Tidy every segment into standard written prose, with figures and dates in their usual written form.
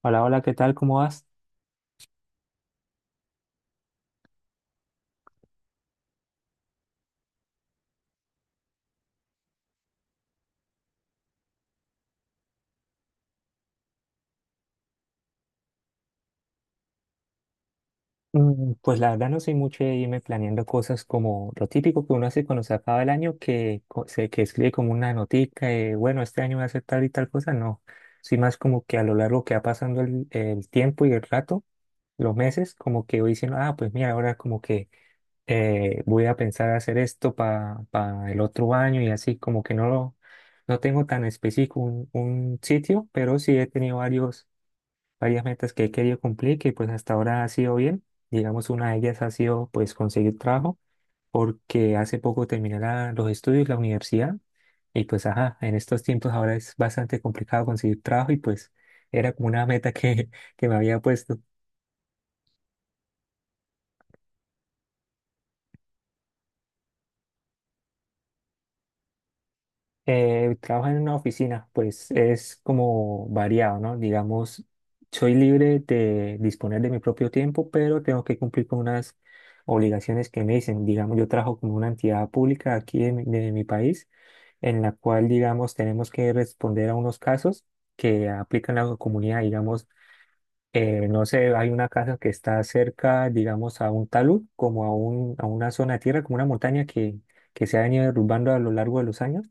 Hola, hola, ¿qué tal? ¿Cómo vas? Pues la verdad no soy mucho de irme planeando cosas como lo típico que uno hace cuando se acaba el año, que, que escribe como una notica, de, bueno, este año voy a hacer tal y tal cosa, no. Soy más como que a lo largo que va pasando el tiempo y el rato, los meses, como que voy diciendo, ah, pues mira, ahora como que voy a pensar hacer esto para el otro año y así, como que no lo, no tengo tan específico un sitio, pero sí he tenido varios varias metas que he querido cumplir, que pues hasta ahora ha sido bien. Digamos, una de ellas ha sido pues conseguir trabajo, porque hace poco terminé los estudios, la universidad, y pues ajá, en estos tiempos ahora es bastante complicado conseguir trabajo y pues era como una meta que, que me había puesto. Trabajo en una oficina, pues es como variado, ¿no? Digamos, soy libre de disponer de mi propio tiempo, pero tengo que cumplir con unas obligaciones que me dicen. Digamos, yo trabajo como una entidad pública aquí de mi país, en la cual, digamos, tenemos que responder a unos casos que aplican a la comunidad. Digamos, no sé, hay una casa que está cerca, digamos, a un talud, como a una zona de tierra, como una montaña que se ha venido derrumbando a lo largo de los años.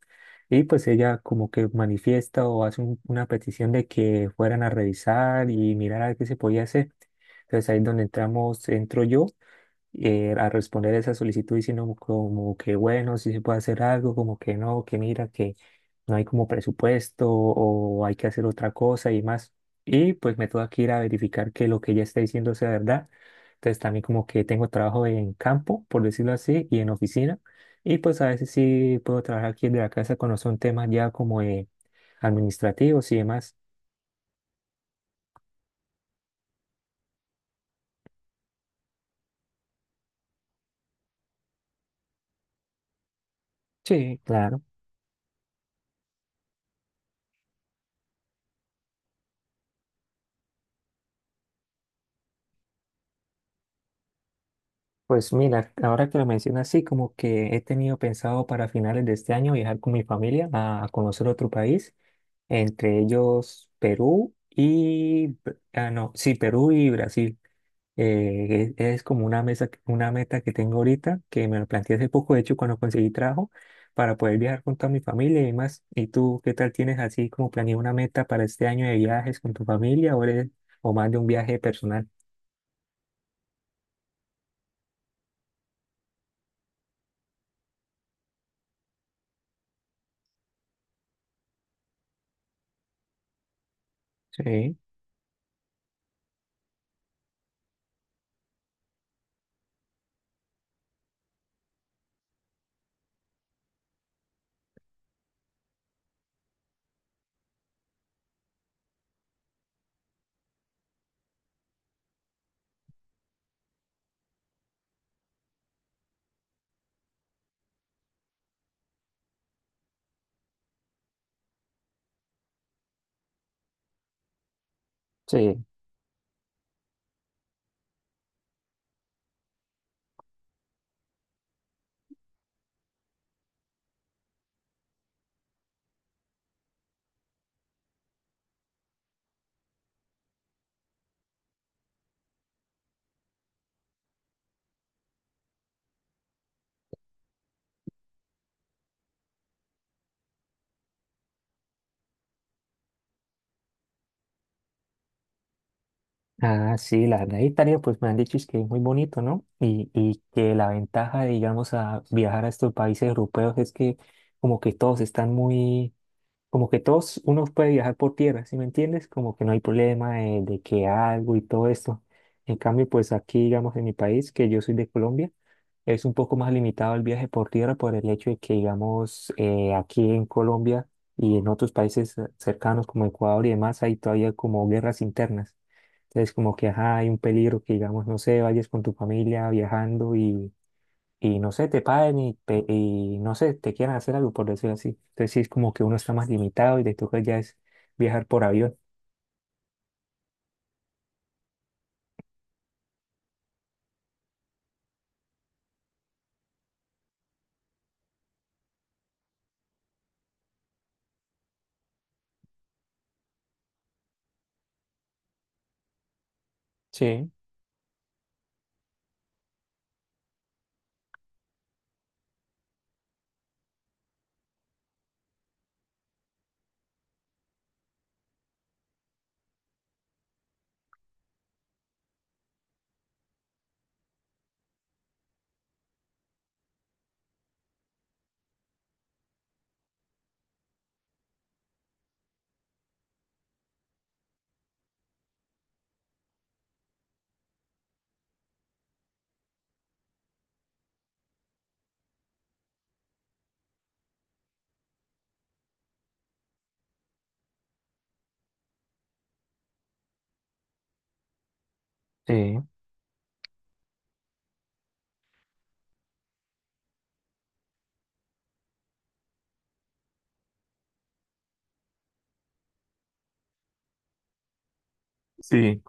Y pues ella como que manifiesta o hace una petición de que fueran a revisar y mirar a ver qué se podía hacer. Entonces ahí es donde entramos, entro yo a responder esa solicitud diciendo como que bueno, si se puede hacer algo, como que no, que mira, que no hay como presupuesto o hay que hacer otra cosa y más. Y pues me tengo que ir a verificar que lo que ella está diciendo sea verdad. Entonces también como que tengo trabajo en campo, por decirlo así, y en oficina. Y pues a veces sí puedo trabajar aquí desde la casa cuando son temas ya como administrativos y demás. Sí, claro. Pues mira, ahora que lo mencionas así, como que he tenido pensado para finales de este año viajar con mi familia a conocer otro país, entre ellos Perú y, ah, no, sí, Perú y Brasil. Es como una mesa, una meta que tengo ahorita, que me lo planteé hace poco, de hecho, cuando conseguí trabajo, para poder viajar con toda mi familia y demás. ¿Y tú qué tal tienes así como planeado una meta para este año de viajes con tu familia o, o más de un viaje personal? Sí, sí. Ah, sí, la verdad, Italia, pues me han dicho es que es muy bonito, ¿no? Y que la ventaja, digamos, a viajar a estos países europeos es que como que todos están muy, como que todos, uno puede viajar por tierra, ¿sí me entiendes? Como que no hay problema de que algo y todo esto. En cambio, pues aquí, digamos, en mi país, que yo soy de Colombia, es un poco más limitado el viaje por tierra por el hecho de que, digamos, aquí en Colombia y en otros países cercanos como Ecuador y demás, hay todavía como guerras internas. Entonces, como que ajá, hay un peligro que, digamos, no sé, vayas con tu familia viajando y no sé, te paguen y no sé, te quieran hacer algo, por decirlo así. Entonces, sí, es como que uno está más limitado y le toca ya es viajar por avión. Sí, Sí, sí,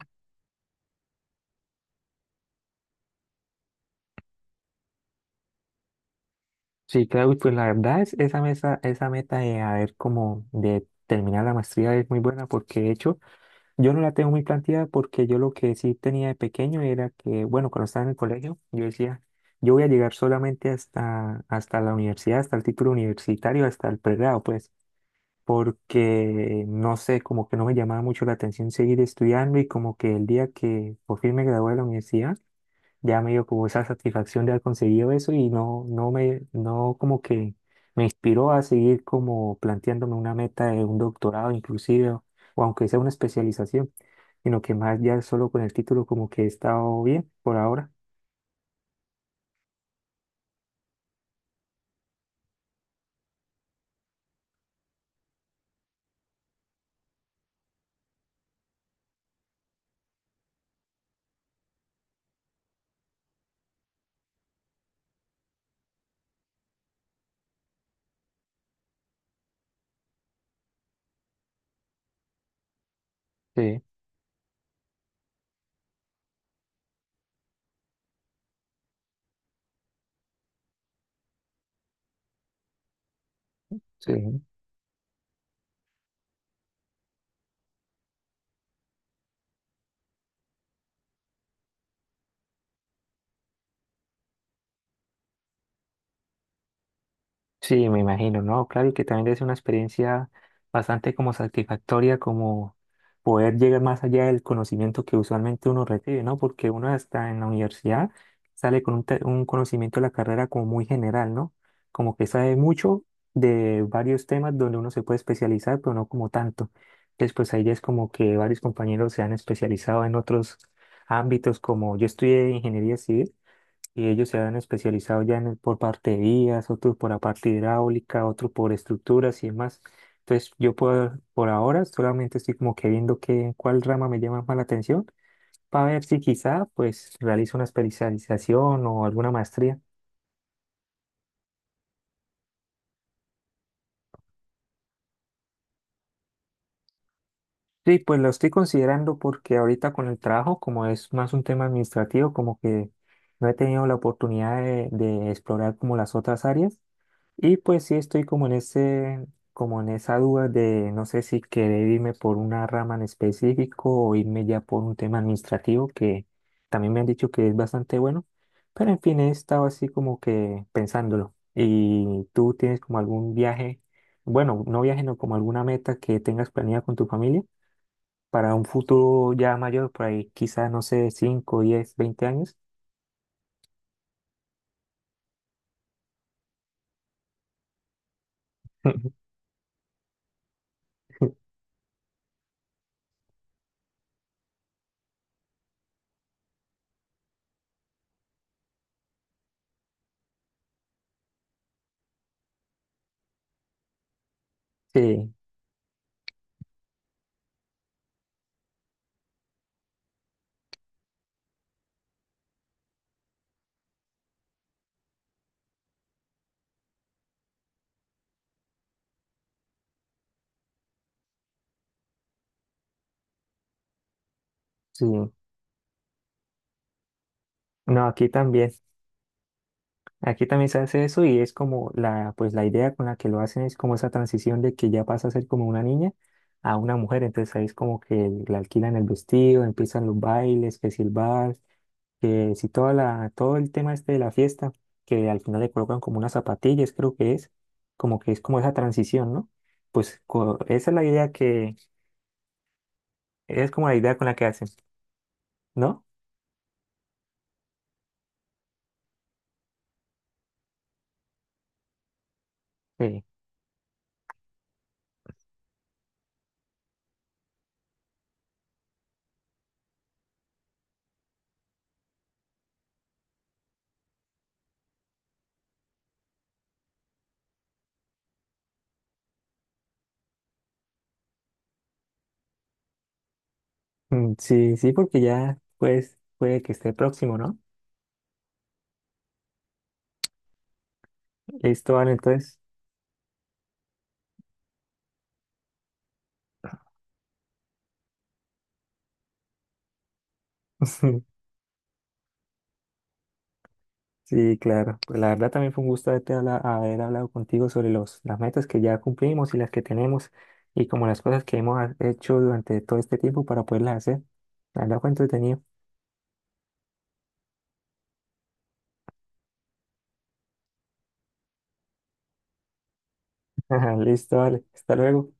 sí, Claudio, pues la verdad es esa mesa, esa meta de haber como de terminar la maestría es muy buena porque de hecho Yo no la tengo muy planteada porque yo lo que sí tenía de pequeño era que, bueno, cuando estaba en el colegio, yo decía, yo voy a llegar solamente hasta, hasta la universidad, hasta el título universitario, hasta el pregrado, pues, porque no sé, como que no me llamaba mucho la atención seguir estudiando y como que el día que por fin me gradué de la universidad, ya me dio como esa satisfacción de haber conseguido eso y no como que me inspiró a seguir como planteándome una meta de un doctorado inclusive, o aunque sea una especialización, sino que más ya solo con el título como que he estado bien por ahora. Sí, sí. Sí, me imagino, ¿no? Claro, y que también es una experiencia bastante como satisfactoria, como poder llegar más allá del conocimiento que usualmente uno recibe, ¿no? Porque uno hasta en la universidad sale con un conocimiento de la carrera como muy general, ¿no? Como que sabe mucho de varios temas donde uno se puede especializar, pero no como tanto. Entonces, pues ahí ya es como que varios compañeros se han especializado en otros ámbitos, como yo estudié ingeniería civil. Y ellos se han especializado ya en el por parte de vías, otros por la parte hidráulica, otros por estructuras y demás. Entonces, yo por ahora solamente estoy como que viendo cuál rama me llama más la atención para ver si quizá pues realizo una especialización o alguna maestría. Sí, pues lo estoy considerando porque ahorita con el trabajo, como es más un tema administrativo, como que no he tenido la oportunidad de explorar como las otras áreas. Y pues sí estoy como en ese, como en esa duda de no sé si querer irme por una rama en específico o irme ya por un tema administrativo que también me han dicho que es bastante bueno. Pero en fin, he estado así como que pensándolo. ¿Y tú tienes como algún viaje, bueno, no viaje, no como alguna meta que tengas planeada con tu familia para un futuro ya mayor, por ahí quizás, no sé, 5 10 20 años? Sí, sí. No, aquí también. Aquí también se hace eso y es como pues la idea con la que lo hacen es como esa transición de que ya pasa a ser como una niña a una mujer. Entonces ahí es como que le alquilan el vestido, empiezan los bailes, que si el bar, que si toda la, todo el tema este de la fiesta, que al final le colocan como unas zapatillas, creo que es como esa transición, ¿no? Pues esa es la idea que, es como la idea con la que hacen, ¿no? Sí. Mm, sí, sí, porque ya pues puede que esté próximo, ¿no? Listo, vale, entonces. Sí, claro. Pues la verdad también fue un gusto haberte haber hablado contigo sobre las metas que ya cumplimos y las que tenemos y como las cosas que hemos hecho durante todo este tiempo para poderlas hacer. La verdad fue entretenido. Listo, vale. Hasta luego.